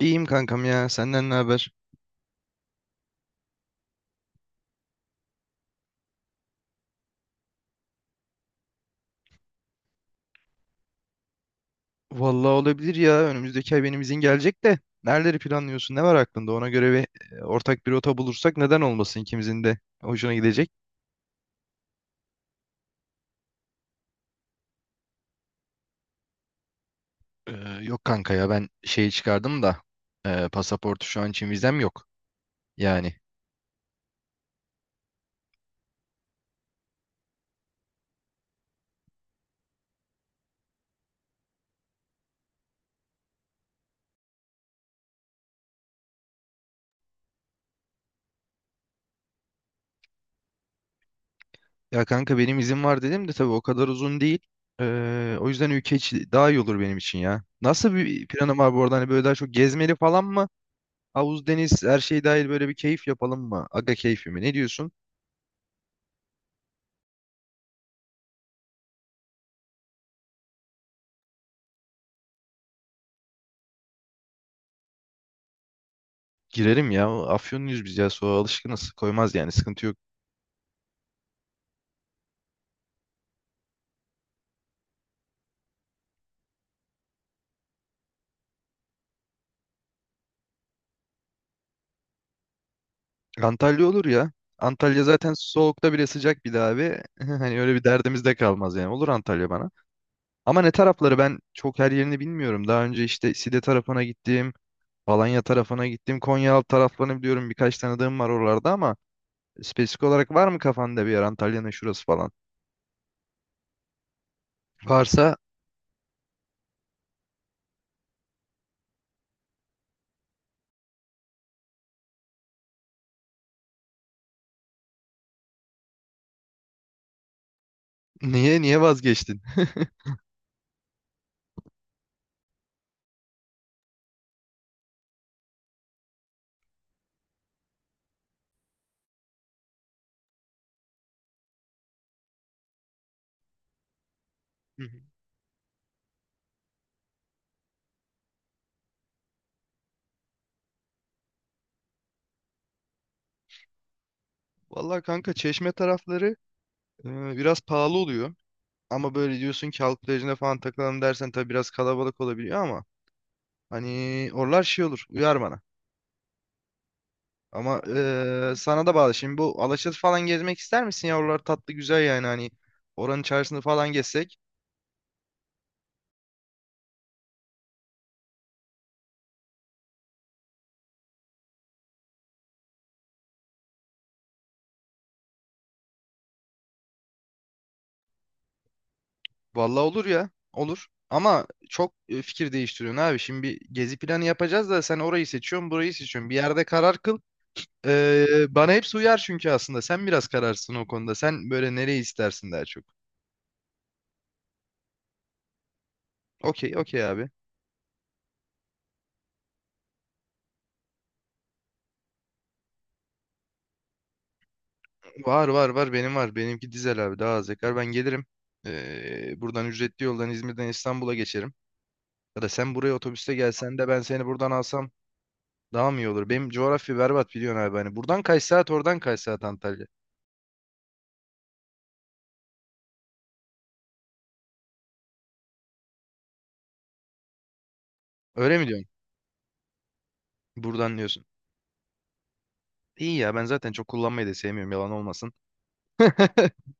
İyiyim kankam ya. Senden ne haber? Vallahi olabilir ya. Önümüzdeki ay benim izin gelecek de. Nereleri planlıyorsun? Ne var aklında? Ona göre ortak bir rota bulursak neden olmasın ikimizin de hoşuna gidecek. Ee, Yok kanka ya ben şeyi çıkardım da pasaportu şu an için vizem yok. Yani, ya kanka benim izin var dedim de tabii o kadar uzun değil. O yüzden ülke içi daha iyi olur benim için ya. Nasıl bir planım var bu arada? Hani böyle daha çok gezmeli falan mı? Havuz, deniz, her şey dahil böyle bir keyif yapalım mı? Aga keyfi mi? Ne diyorsun? Girerim ya. Afyonluyuz biz ya. Soğuğa alışkınız. Koymaz yani. Sıkıntı yok. Antalya olur ya. Antalya zaten soğukta bile sıcak bir de abi. Hani öyle bir derdimiz de kalmaz yani. Olur Antalya bana. Ama ne tarafları ben çok her yerini bilmiyorum. Daha önce işte Side tarafına gittim. Alanya tarafına gittim. Konyaaltı taraflarını biliyorum. Birkaç tanıdığım var oralarda ama spesifik olarak var mı kafanda bir yer Antalya'nın şurası falan? Varsa niye vazgeçtin? Hı hı. Vallahi kanka Çeşme tarafları e, biraz pahalı oluyor. Ama böyle diyorsun ki halk plajına falan takılalım dersen tabii biraz kalabalık olabiliyor ama hani oralar şey olur. Uyar bana. Ama sana da bağlı. Şimdi bu Alaçatı falan gezmek ister misin ya? Oralar tatlı güzel yani hani. Oranın çarşısını falan gezsek. Vallahi olur ya. Olur. Ama çok fikir değiştiriyorsun abi. Şimdi bir gezi planı yapacağız da sen orayı seçiyorsun, burayı seçiyorsun. Bir yerde karar kıl. Bana hepsi uyar çünkü aslında. Sen biraz kararsın o konuda. Sen böyle nereyi istersin daha çok. Okey, okey abi. Var, benim var. Benimki dizel abi daha az yakar. Ben gelirim. Buradan ücretli yoldan İzmir'den İstanbul'a geçerim. Ya da sen buraya otobüste gelsen de ben seni buradan alsam daha mı iyi olur? Benim coğrafya berbat biliyorsun abi. Hani buradan kaç saat oradan kaç saat Antalya. Öyle mi diyorsun? Buradan diyorsun. İyi ya ben zaten çok kullanmayı da sevmiyorum yalan olmasın.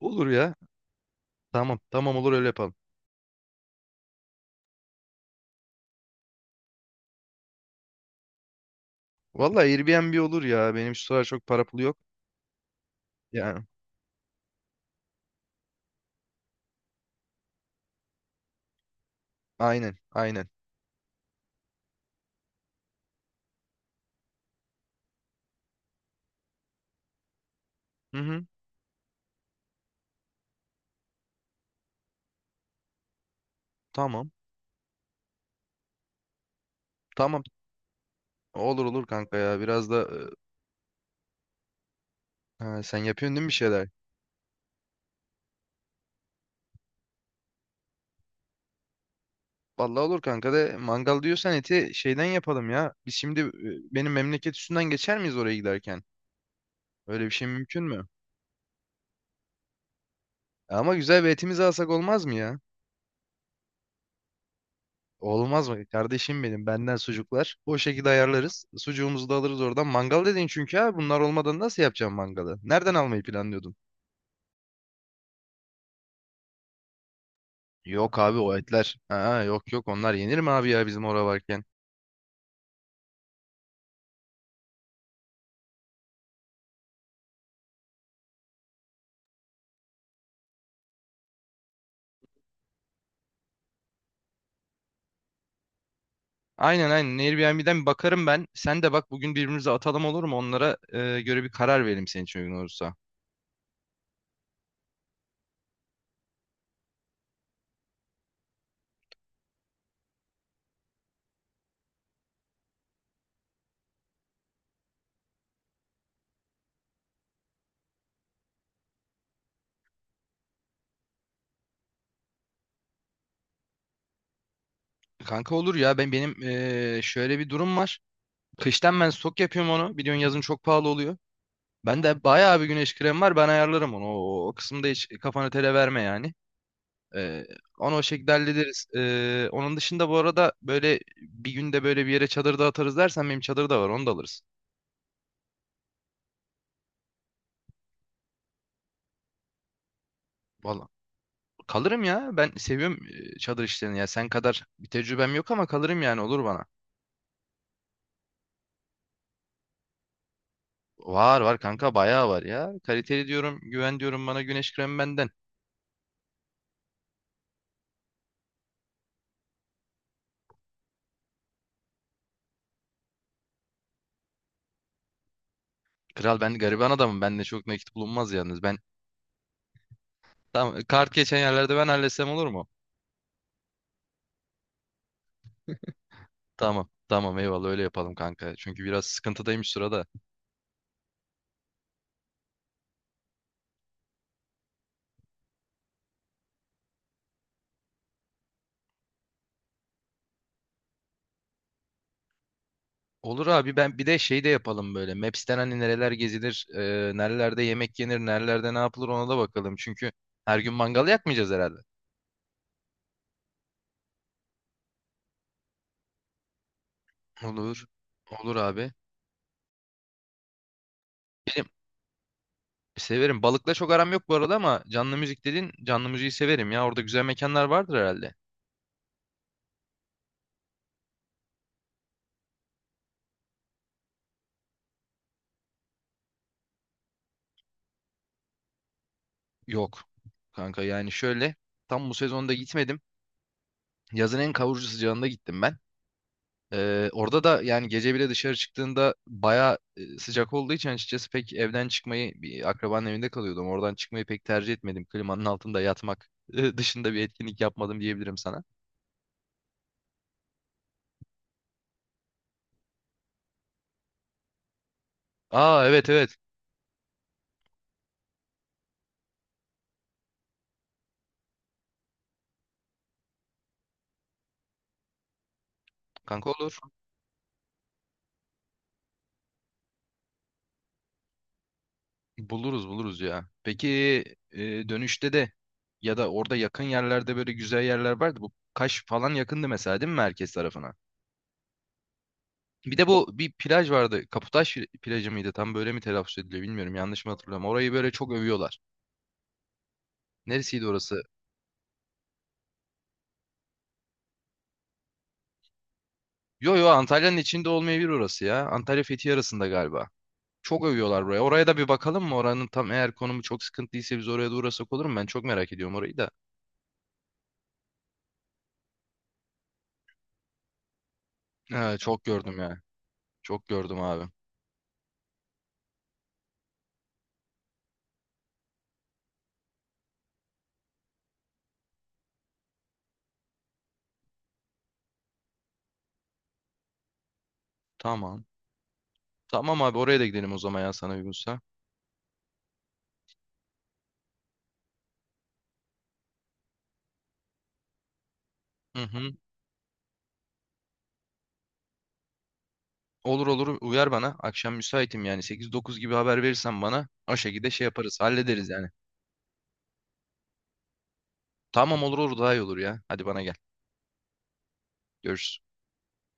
Olur ya. Tamam, olur öyle yapalım. Vallahi Airbnb olur ya. Benim şu sıralar çok para pulu yok. Yani aynen, aynen. Hı hı, tamam tamam. Olur olur kanka ya. Biraz da sen yapıyorsun değil mi bir şeyler? Vallahi olur kanka de mangal diyorsan eti şeyden yapalım ya. Biz şimdi benim memleket üstünden geçer miyiz oraya giderken? Öyle bir şey mümkün mü? Ama güzel bir etimizi alsak olmaz mı ya? Olmaz mı? Kardeşim benden sucuklar. O şekilde ayarlarız. Sucuğumuzu da alırız oradan. Mangal dedin çünkü abi bunlar olmadan nasıl yapacağım mangalı? Nereden almayı planlıyordun? Yok abi o etler. Ha, yok yok onlar yenir mi abi ya bizim orada varken? Aynen, aynen. Airbnb'den bir bakarım ben. Sen de bak bugün birbirimize atalım olur mu? Onlara göre bir karar verelim senin için uygun olursa. Kanka olur ya benim şöyle bir durum var. Kıştan ben stok yapıyorum onu. Biliyorsun yazın çok pahalı oluyor. Ben de bayağı bir güneş kremi var. Ben ayarlarım onu. O kısımda hiç kafanı tele verme yani. Eee, Onu o şekilde hallederiz. Onun dışında bu arada böyle bir günde böyle bir yere çadır da atarız dersen benim çadır da var. Onu da alırız. Valla kalırım ya. Ben seviyorum çadır işlerini. Ya sen kadar bir tecrübem yok ama kalırım yani olur bana. Var var kanka bayağı var ya. Kaliteli diyorum, güven diyorum bana güneş kremi benden. Kral ben gariban adamım. Bende çok nakit bulunmaz yalnız. Ben tamam, kart geçen yerlerde ben halletsem olur mu? Tamam. Tamam eyvallah öyle yapalım kanka. Çünkü biraz sıkıntıdayım şu sırada. Olur abi ben bir de şey de yapalım böyle. Maps'ten hani nereler gezilir, nerelerde yemek yenir, nerelerde ne yapılır ona da bakalım. Çünkü her gün mangal yakmayacağız herhalde. Olur. Olur abi. Benim severim. Balıkla çok aram yok bu arada ama canlı müzik dedin. Canlı müziği severim ya. Orada güzel mekanlar vardır herhalde. Yok. Kanka yani şöyle tam bu sezonda gitmedim. Yazın en kavurucu sıcağında gittim ben. Orada da yani gece bile dışarı çıktığında baya sıcak olduğu için açıkçası pek evden çıkmayı bir akrabanın evinde kalıyordum. Oradan çıkmayı pek tercih etmedim. Klimanın altında yatmak dışında bir etkinlik yapmadım diyebilirim sana. Aa, evet, evet. Kanka olur. Buluruz, ya. Peki e, dönüşte de ya da orada yakın yerlerde böyle güzel yerler vardı. Bu Kaş falan yakındı mesela değil mi merkez tarafına? Bir de bu bir plaj vardı. Kaputaş plajı mıydı? Tam böyle mi telaffuz ediliyor bilmiyorum. Yanlış mı hatırlıyorum. Orayı böyle çok övüyorlar. Neresiydi orası? Yo yo, Antalya'nın içinde olmayabilir orası ya. Antalya Fethiye arasında galiba. Çok övüyorlar buraya. Oraya da bir bakalım mı? Oranın tam eğer konumu çok sıkıntıysa biz oraya da uğrasak olur mu? Ben çok merak ediyorum orayı da. Çok gördüm ya. Çok gördüm abi. Tamam. Tamam abi oraya da gidelim o zaman ya sana uygunsa. Hı hı. Olur olur uyar bana. Akşam müsaitim yani 8-9 gibi haber verirsen bana o şekilde şey yaparız. Hallederiz yani. Tamam olur olur daha iyi olur ya. Hadi bana gel. Görüşürüz.